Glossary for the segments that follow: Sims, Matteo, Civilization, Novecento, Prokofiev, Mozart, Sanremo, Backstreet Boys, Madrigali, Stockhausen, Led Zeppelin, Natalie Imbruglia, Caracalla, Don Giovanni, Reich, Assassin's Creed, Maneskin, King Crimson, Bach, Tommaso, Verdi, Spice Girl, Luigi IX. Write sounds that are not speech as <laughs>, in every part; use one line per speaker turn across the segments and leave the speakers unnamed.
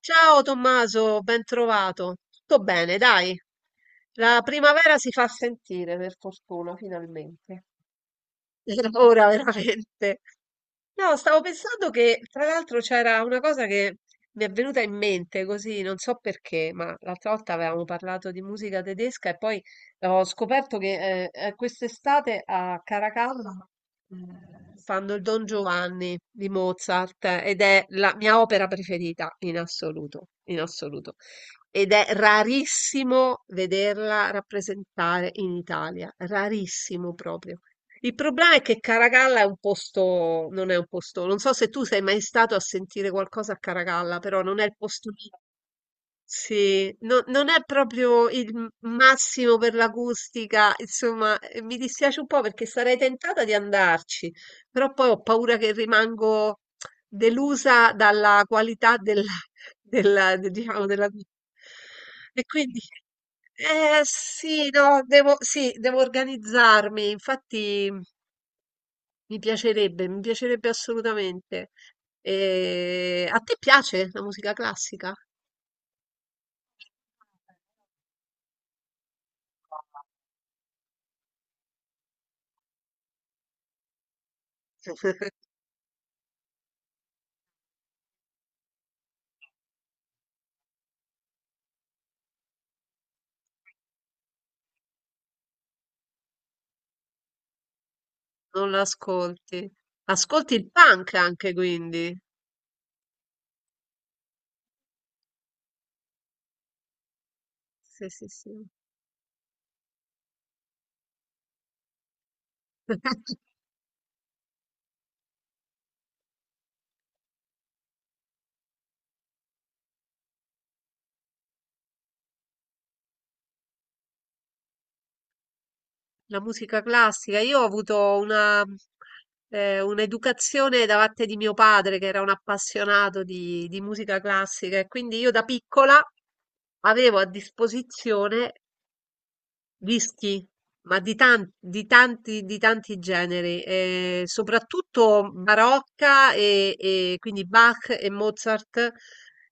Ciao Tommaso, ben trovato. Tutto bene, dai. La primavera si fa sentire, per fortuna, finalmente. <laughs> Era ora veramente. No, stavo pensando che tra l'altro c'era una cosa che mi è venuta in mente così, non so perché, ma l'altra volta avevamo parlato di musica tedesca e poi ho scoperto che quest'estate a Caracalla fanno il Don Giovanni di Mozart, ed è la mia opera preferita in assoluto, in assoluto. Ed è rarissimo vederla rappresentare in Italia, rarissimo proprio. Il problema è che Caracalla è un posto, non è un posto, non so se tu sei mai stato a sentire qualcosa a Caracalla, però non è il posto lì. Sì, non è proprio il massimo per l'acustica, insomma, mi dispiace un po' perché sarei tentata di andarci, però poi ho paura che rimango delusa dalla qualità della, <laughs> diciamo, della vita. E quindi, eh sì, no, devo, sì, devo organizzarmi, infatti. Mi piacerebbe assolutamente. E a te piace la musica classica? <laughs> Non l'ascolti. Ascolti il punk anche, quindi. Sì, sì, sì. <laughs> La musica classica. Io ho avuto un'educazione da parte di mio padre, che era un appassionato di musica classica, e quindi io da piccola avevo a disposizione Whisky, ma di tanti, di tanti, di tanti generi, soprattutto barocca e quindi Bach e Mozart,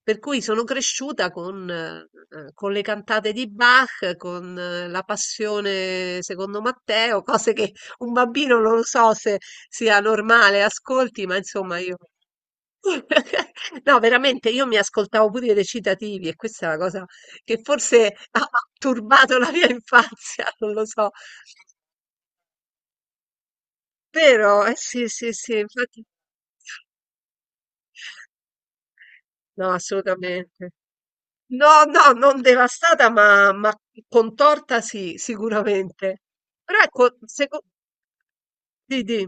per cui sono cresciuta con le cantate di Bach, con la passione secondo Matteo, <laughs> cose che un bambino non lo so se sia normale, ascolti, ma insomma io. <laughs> No, veramente, io mi ascoltavo pure i recitativi e questa è la cosa che forse <laughs> ha turbato la mia infanzia, <laughs> non lo so. Vero, eh sì, sì, sì, infatti no, assolutamente. No, no, non devastata, ma contorta sì, sicuramente. Però ecco, secondo. Di, di.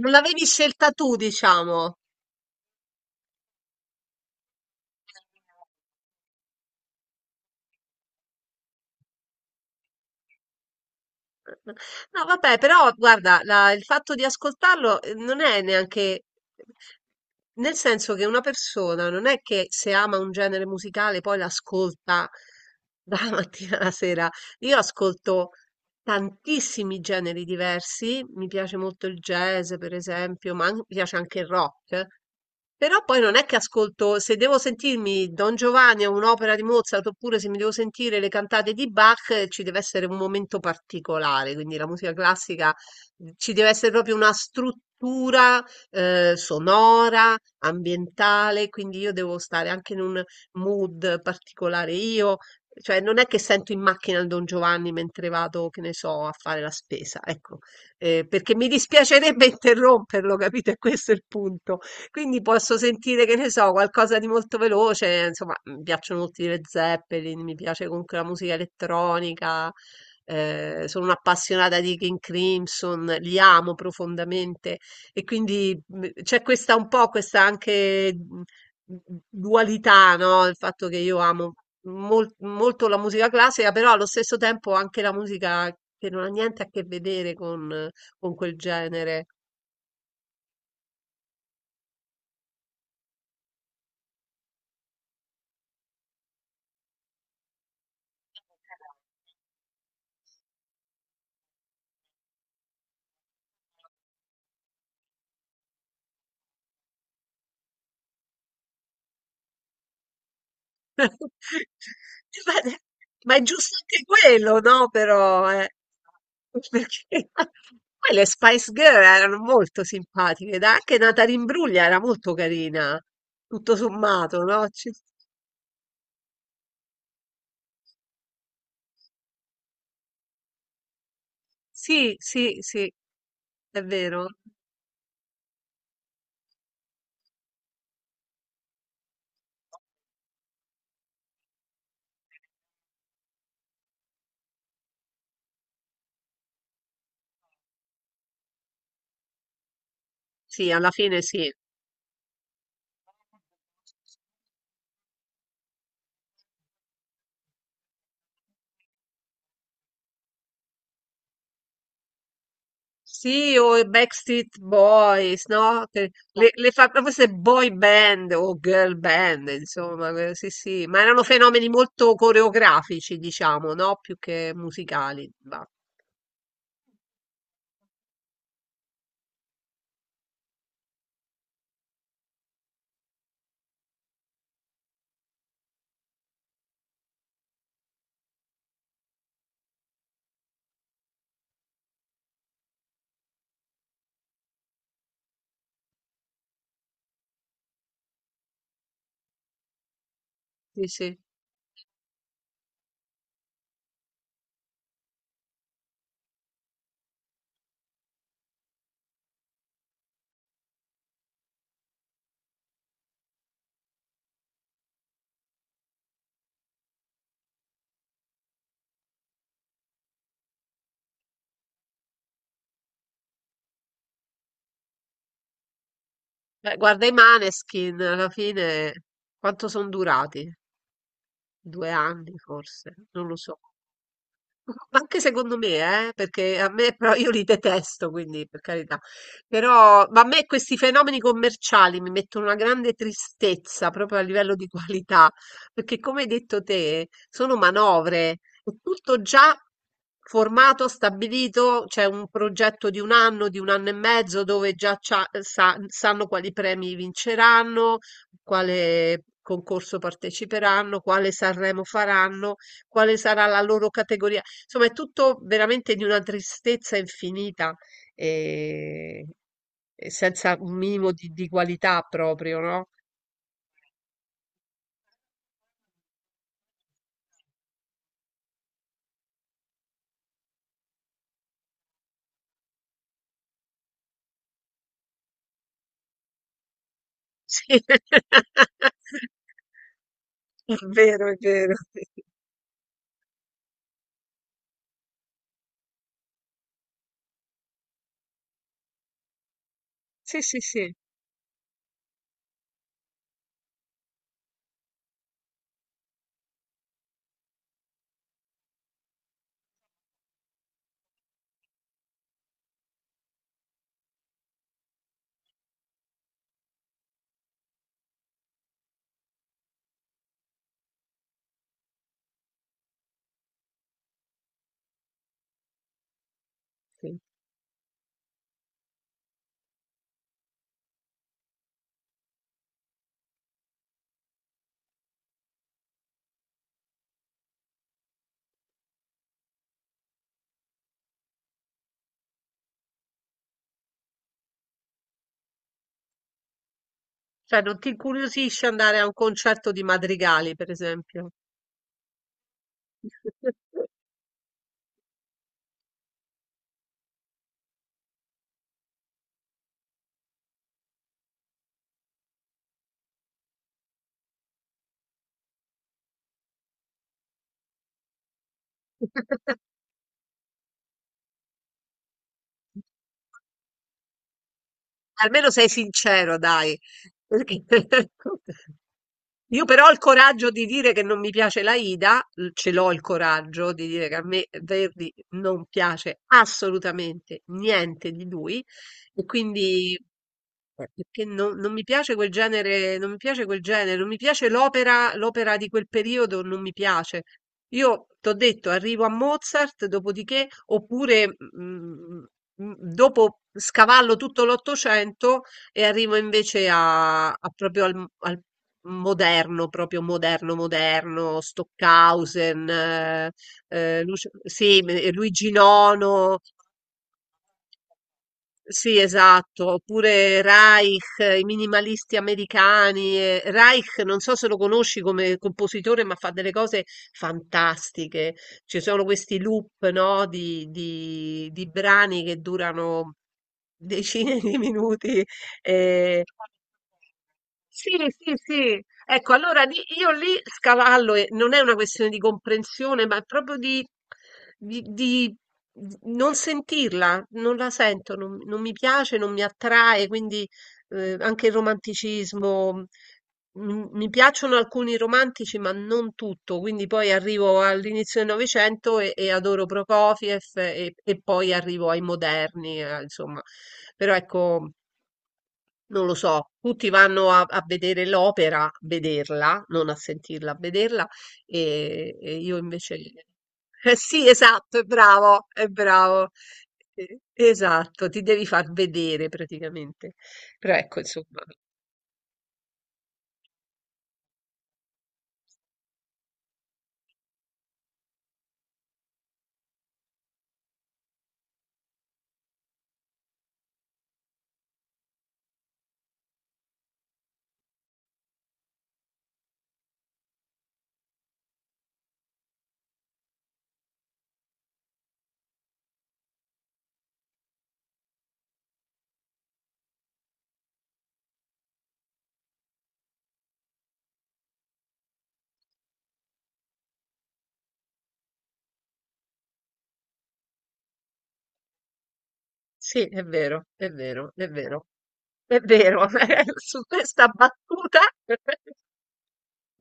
Non l'avevi scelta tu, diciamo. No, vabbè, però guarda, il fatto di ascoltarlo, non è neanche. Nel senso che una persona non è che se ama un genere musicale poi l'ascolta dalla <laughs> mattina alla sera. Io ascolto tantissimi generi diversi, mi piace molto il jazz per esempio, ma mi piace anche il rock, però poi non è che ascolto, se devo sentirmi Don Giovanni o un'opera di Mozart, oppure se mi devo sentire le cantate di Bach, ci deve essere un momento particolare, quindi la musica classica ci deve essere proprio una struttura sonora, ambientale, quindi io devo stare anche in un mood particolare io cioè, non è che sento in macchina il Don Giovanni mentre vado, che ne so, a fare la spesa, ecco. Perché mi dispiacerebbe <laughs> interromperlo, capito? E questo è il punto. Quindi posso sentire, che ne so, qualcosa di molto veloce, insomma, mi piacciono molto i Led Zeppelin, mi piace comunque la musica elettronica, sono un'appassionata di King Crimson, li amo profondamente e quindi c'è questa un po', questa anche dualità, no? Il fatto che io amo molto la musica classica, però allo stesso tempo anche la musica che non ha niente a che vedere con quel genere. <laughs> Ma ma è giusto anche quello, no? Però, <laughs> perché <laughs> poi le Spice Girl erano molto simpatiche, dai, anche Natalie Imbruglia era molto carina, tutto sommato, no? Sì, sì, sì, è vero. Sì, alla fine sì. Sì, o i Backstreet Boys, no? Che le fa proprio queste boy band o girl band, insomma, sì, sì, ma erano fenomeni molto coreografici, diciamo, no? Più che musicali. Va. Sì, sì. Beh, guarda i Maneskin, alla fine, quanto sono durati? 2 anni, forse, non lo so. Ma anche secondo me, perché a me però io li detesto, quindi per carità. Però ma a me questi fenomeni commerciali mi mettono una grande tristezza proprio a livello di qualità, perché come hai detto te, sono manovre, è tutto già formato, stabilito, c'è un progetto di un anno e mezzo dove già sanno quali premi vinceranno, quale concorso parteciperanno, quale Sanremo faranno, quale sarà la loro categoria. Insomma, è tutto veramente di una tristezza infinita e, e senza un minimo di qualità proprio, no? Sì, <laughs> è vero, è vero. Sì, sì, sì. Sì. Cioè, non ti incuriosisce andare a un concerto di Madrigali, per esempio? <laughs> Almeno sei sincero, dai. Perché. <laughs> Io però ho il coraggio di dire che non mi piace la Ida, ce l'ho il coraggio di dire che a me Verdi non piace assolutamente niente di lui e quindi perché non mi piace quel genere, non mi piace quel genere, non mi piace l'opera, l'opera di quel periodo, non mi piace. Io t'ho detto, arrivo a Mozart, dopodiché, oppure mm, mm, dopo scavallo tutto l'Ottocento e arrivo invece a proprio al moderno, proprio moderno, moderno, Stockhausen, sì, Luigi IX. Sì, esatto, oppure Reich, i minimalisti americani. Reich, non so se lo conosci come compositore, ma fa delle cose fantastiche. Ci sono questi loop, no, di brani che durano decine <laughs> di minuti. eh, sì, sì, sì. Ecco, allora io lì scavallo e non è una questione di comprensione, ma è proprio di, di- di non sentirla, non la sento, non mi piace, non mi attrae, quindi anche il romanticismo, mi piacciono alcuni romantici, ma non tutto, quindi poi arrivo all'inizio del Novecento e adoro Prokofiev e poi arrivo ai moderni, insomma, però ecco. Non lo so, tutti vanno a vedere l'opera, a vederla, non a sentirla, a vederla, e io invece. Eh sì, esatto, è bravo, è bravo. Esatto, ti devi far vedere praticamente. Però ecco, insomma, sì, è vero, è vero, è vero, è vero, <laughs> su questa battuta, <laughs>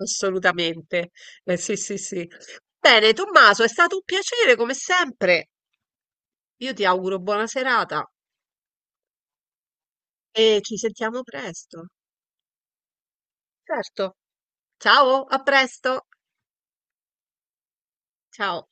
assolutamente. Sì, sì, sì. Bene, Tommaso, è stato un piacere come sempre. Io ti auguro buona serata. E ci sentiamo presto. Certo. Ciao, a presto. Ciao.